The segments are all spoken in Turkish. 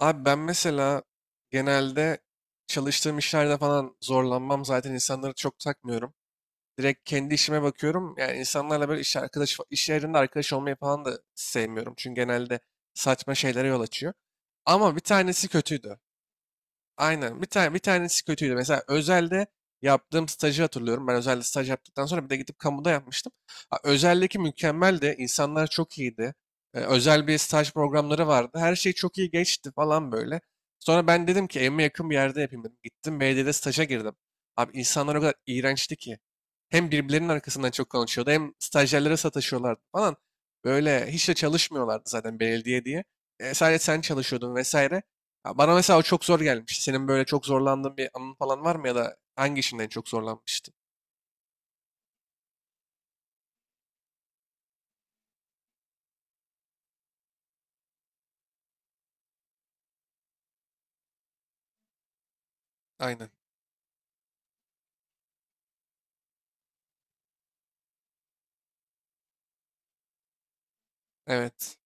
Abi ben mesela genelde çalıştığım işlerde falan zorlanmam. Zaten insanları çok takmıyorum. Direkt kendi işime bakıyorum. Yani insanlarla böyle iş arkadaş, iş yerinde arkadaş olmayı falan da sevmiyorum. Çünkü genelde saçma şeylere yol açıyor. Ama bir tanesi kötüydü. Aynen. Bir tanesi kötüydü. Mesela özelde yaptığım stajı hatırlıyorum. Ben özelde staj yaptıktan sonra bir de gidip kamuda yapmıştım. Ha, özeldeki mükemmeldi. İnsanlar çok iyiydi. Özel bir staj programları vardı. Her şey çok iyi geçti falan böyle. Sonra ben dedim ki evime yakın bir yerde yapayım dedim. Gittim belediyede staja girdim. Abi insanlar o kadar iğrençti ki. Hem birbirlerinin arkasından çok konuşuyordu hem stajyerlere sataşıyorlardı falan. Böyle hiç de çalışmıyorlardı zaten belediye diye. Sadece sen çalışıyordun vesaire. Ya, bana mesela o çok zor gelmişti. Senin böyle çok zorlandığın bir anın falan var mı, ya da hangi işinden en çok zorlanmıştın? Aynen. Evet.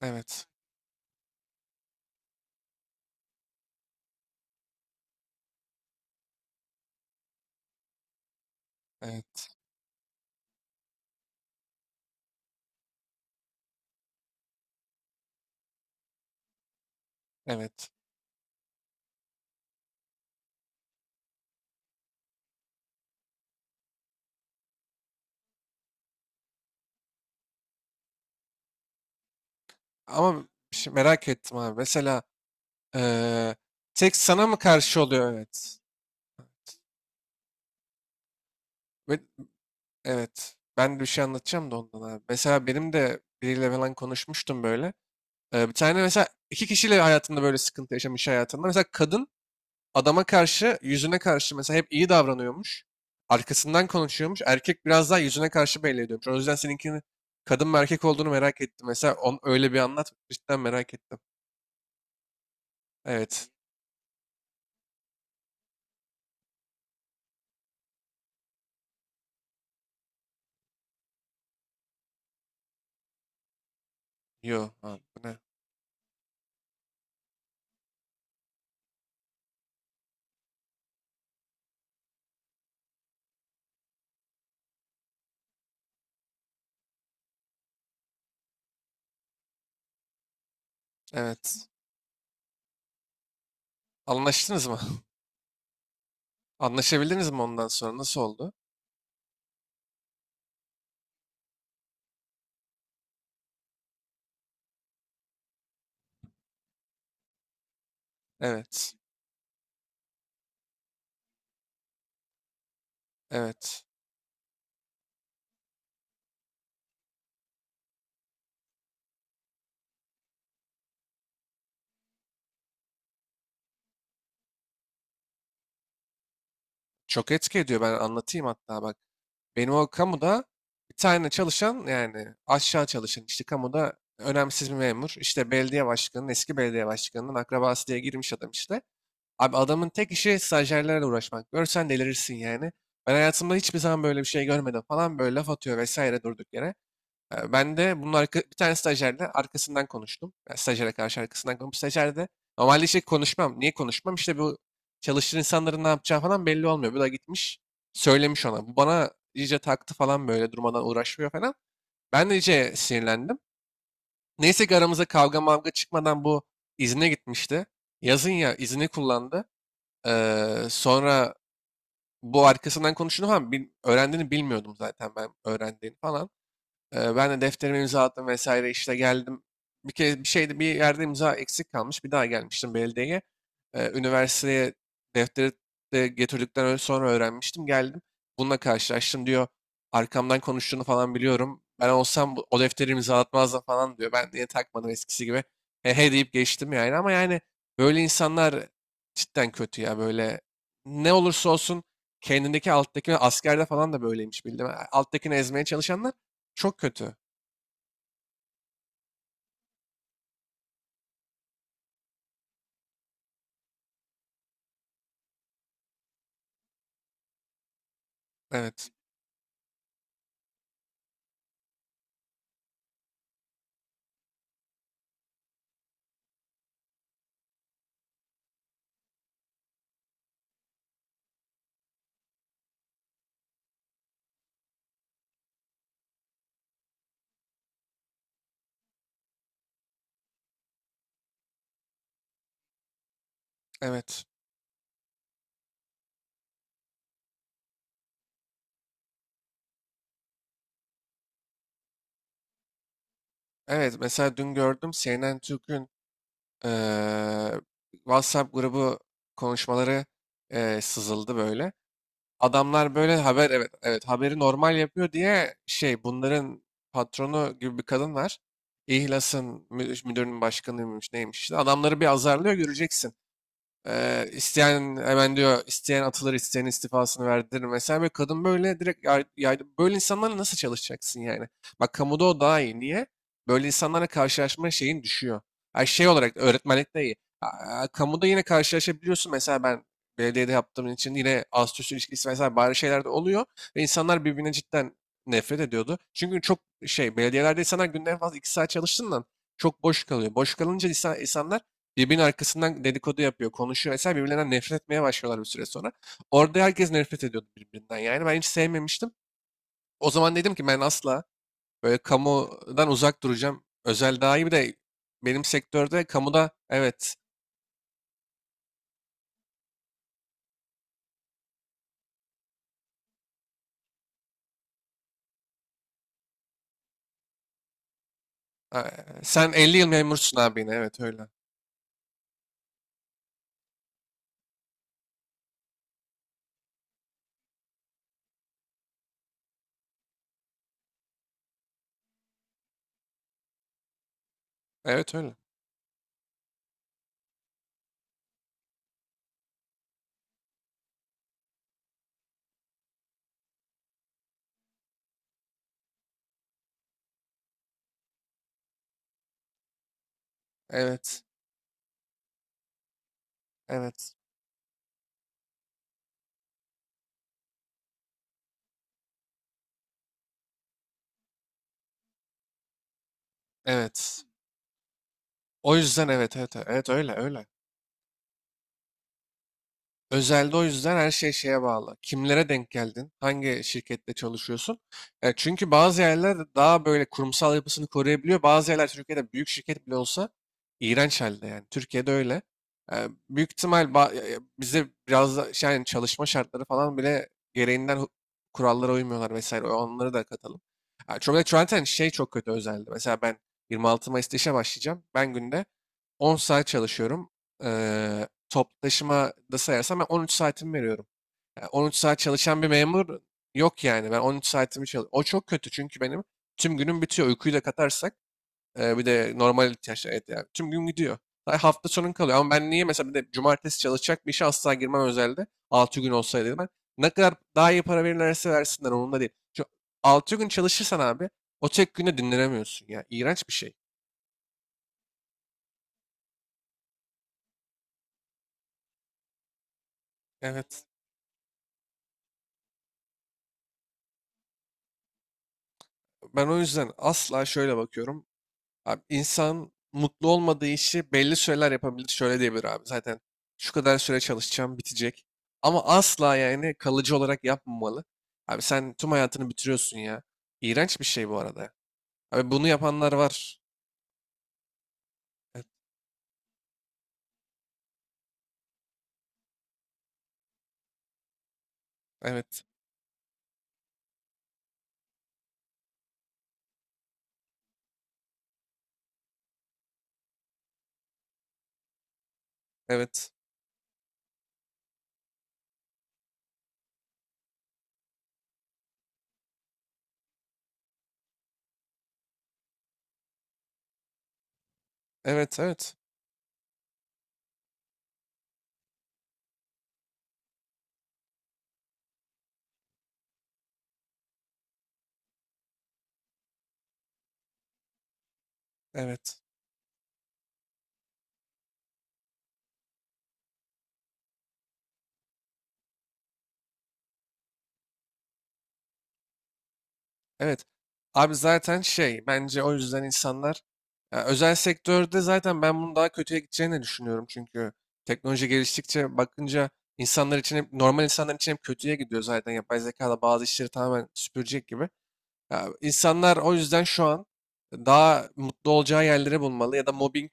Evet. Evet. Evet. Ama bir şey merak ettim abi. Mesela eee, tek sana mı karşı oluyor? Evet. Ve- evet. Ben de bir şey anlatacağım da ondan abi. Mesela benim de biriyle falan konuşmuştum böyle. Bir tane mesela iki kişiyle hayatında böyle sıkıntı yaşamış hayatında. Mesela kadın adama karşı, yüzüne karşı mesela hep iyi davranıyormuş. Arkasından konuşuyormuş. Erkek biraz daha yüzüne karşı belli ediyormuş. O yüzden seninkinin kadın mı erkek olduğunu merak ettim. Mesela öyle bir anlat. Cidden merak ettim. Evet. Yo. Ha, bu ne? Evet. Anlaştınız mı? Anlaşabildiniz mi ondan sonra? Nasıl oldu? Evet. Evet. Çok etki ediyor. Ben anlatayım hatta bak. Benim o kamuda bir tane çalışan, yani aşağı çalışan, işte kamuda önemsiz bir memur. İşte belediye başkanının, eski belediye başkanının akrabası diye girmiş adam işte. Abi adamın tek işi stajyerlerle uğraşmak. Görsen delirirsin yani. Ben hayatımda hiçbir zaman böyle bir şey görmedim, falan böyle laf atıyor vesaire durduk yere. Ben de bunun bir tane stajyerle arkasından konuştum. Yani stajyere karşı arkasından konuştum. Stajyer de normalde işte konuşmam. Niye konuşmam? İşte bu çalıştığın insanların ne yapacağı falan belli olmuyor. Bu da gitmiş söylemiş ona. Bu bana iyice taktı falan, böyle durmadan uğraşmıyor falan. Ben de iyice sinirlendim. Neyse ki aramıza kavga mavga çıkmadan bu izne gitmişti. Yazın ya izni kullandı. Sonra bu arkasından konuştuğunu falan öğrendiğini bilmiyordum zaten ben, öğrendiğini falan. Ben de defterime imza attım vesaire, işte geldim. Bir kez bir şeyde bir yerde imza eksik kalmış. Bir daha gelmiştim belediyeye. Üniversiteye defteri de getirdikten sonra öğrenmiştim. Geldim. Bununla karşılaştım diyor. Arkamdan konuştuğunu falan biliyorum, ben olsam o defteri imzalatmazdım falan diyor. Ben niye takmadım eskisi gibi. He he deyip geçtim yani. Ama yani böyle insanlar cidden kötü ya. Böyle ne olursa olsun kendindeki alttakine, askerde falan da böyleymiş bildim. Alttakini ezmeye çalışanlar çok kötü. Evet. Evet. Evet. Mesela dün gördüm CNN Türk'ün eee, WhatsApp grubu konuşmaları sızıldı böyle. Adamlar böyle haber, evet evet, haberi normal yapıyor diye, şey bunların patronu gibi bir kadın var. İhlas'ın müdürünün başkanıymış neymiş işte. Adamları bir azarlıyor, göreceksin. İsteyen hemen diyor, isteyen atılır, isteyen istifasını verdirir. Mesela bir kadın böyle direkt yaydı. Böyle insanlarla nasıl çalışacaksın yani? Bak kamuda o daha iyi. Niye? Böyle insanlarla karşılaşma şeyin düşüyor. Ay şey olarak öğretmenlik de iyi. Aa, kamuda yine karşılaşabiliyorsun. Mesela ben belediyede yaptığım için yine astüs ilişkisi vesaire bari şeyler de oluyor. Ve insanlar birbirine cidden nefret ediyordu. Çünkü çok şey, belediyelerde insanlar günde en fazla 2 saat çalıştığından çok boş kalıyor. Boş kalınca insanlar birbirinin arkasından dedikodu yapıyor, konuşuyor vesaire. Birbirlerinden nefret etmeye başlıyorlar bir süre sonra. Orada herkes nefret ediyordu birbirinden. Yani ben hiç sevmemiştim. O zaman dedim ki ben asla böyle kamudan uzak duracağım. Özel daha iyi, bir de benim sektörde kamuda, evet, e, sen 50 yıl memursun abi yine. Evet öyle. Evet öyle. Evet. Evet. Evet. O yüzden evet evet evet, öyle öyle. Özelde o yüzden her şey şeye bağlı. Kimlere denk geldin? Hangi şirkette çalışıyorsun? Çünkü bazı yerler daha böyle kurumsal yapısını koruyabiliyor. Bazı yerler Türkiye'de büyük şirket bile olsa iğrenç halde yani. Türkiye'de öyle. E, Büyük ihtimal bize biraz da şey, yani çalışma şartları falan bile gereğinden kurallara uymuyorlar vesaire. Onları da katalım. Çok zaten şey, çok kötü özelde. Mesela ben 26 Mayıs'ta işe başlayacağım. Ben günde 10 saat çalışıyorum. E, Toplu taşıma da sayarsam ben 13 saatimi veriyorum. Yani 13 saat çalışan bir memur yok yani. Ben 13 saatimi çalışıyorum. O çok kötü çünkü benim tüm günüm bitiyor. Uykuyu da katarsak bir de normal ihtiyaçlar, evet yani. Tüm gün gidiyor. Daha hafta sonun kalıyor. Ama ben niye mesela, bir de cumartesi çalışacak bir işe asla girmem özelde. 6 gün olsaydı dedim ben. Ne kadar daha iyi para verirlerse versinler, onun da değil. Şu 6 gün çalışırsan abi, o tek günde dinlenemiyorsun ya. İğrenç bir şey. Evet. Ben o yüzden asla şöyle bakıyorum. Abi insan mutlu olmadığı işi belli süreler yapabilir. Şöyle diyebilir abi, zaten şu kadar süre çalışacağım, bitecek. Ama asla yani kalıcı olarak yapmamalı. Abi sen tüm hayatını bitiriyorsun ya. İğrenç bir şey bu arada. Abi bunu yapanlar var. Evet, evet, evet, evet. Evet. Evet. Evet. Abi zaten şey, bence o yüzden insanlar, ya özel sektörde zaten ben bunun daha kötüye gideceğini düşünüyorum. Çünkü teknoloji geliştikçe bakınca, insanlar için hep, normal insanlar için hep kötüye gidiyor zaten. Yapay zeka da bazı işleri tamamen süpürecek gibi. Ya, insanlar o yüzden şu an daha mutlu olacağı yerleri bulmalı, ya da mobbing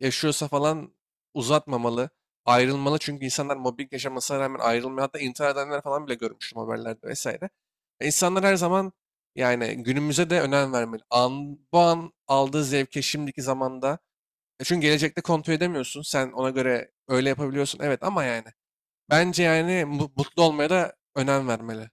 yaşıyorsa falan uzatmamalı, ayrılmalı. Çünkü insanlar mobbing yaşamasına rağmen ayrılmıyor. Hatta intihar edenler falan bile görmüştüm haberlerde vesaire. İnsanlar her zaman yani günümüze de önem vermeli. Bu an aldığı zevke, şimdiki zamanda. Çünkü gelecekte kontrol edemiyorsun. Sen ona göre öyle yapabiliyorsun. Evet ama yani bence yani mutlu olmaya da önem vermeli.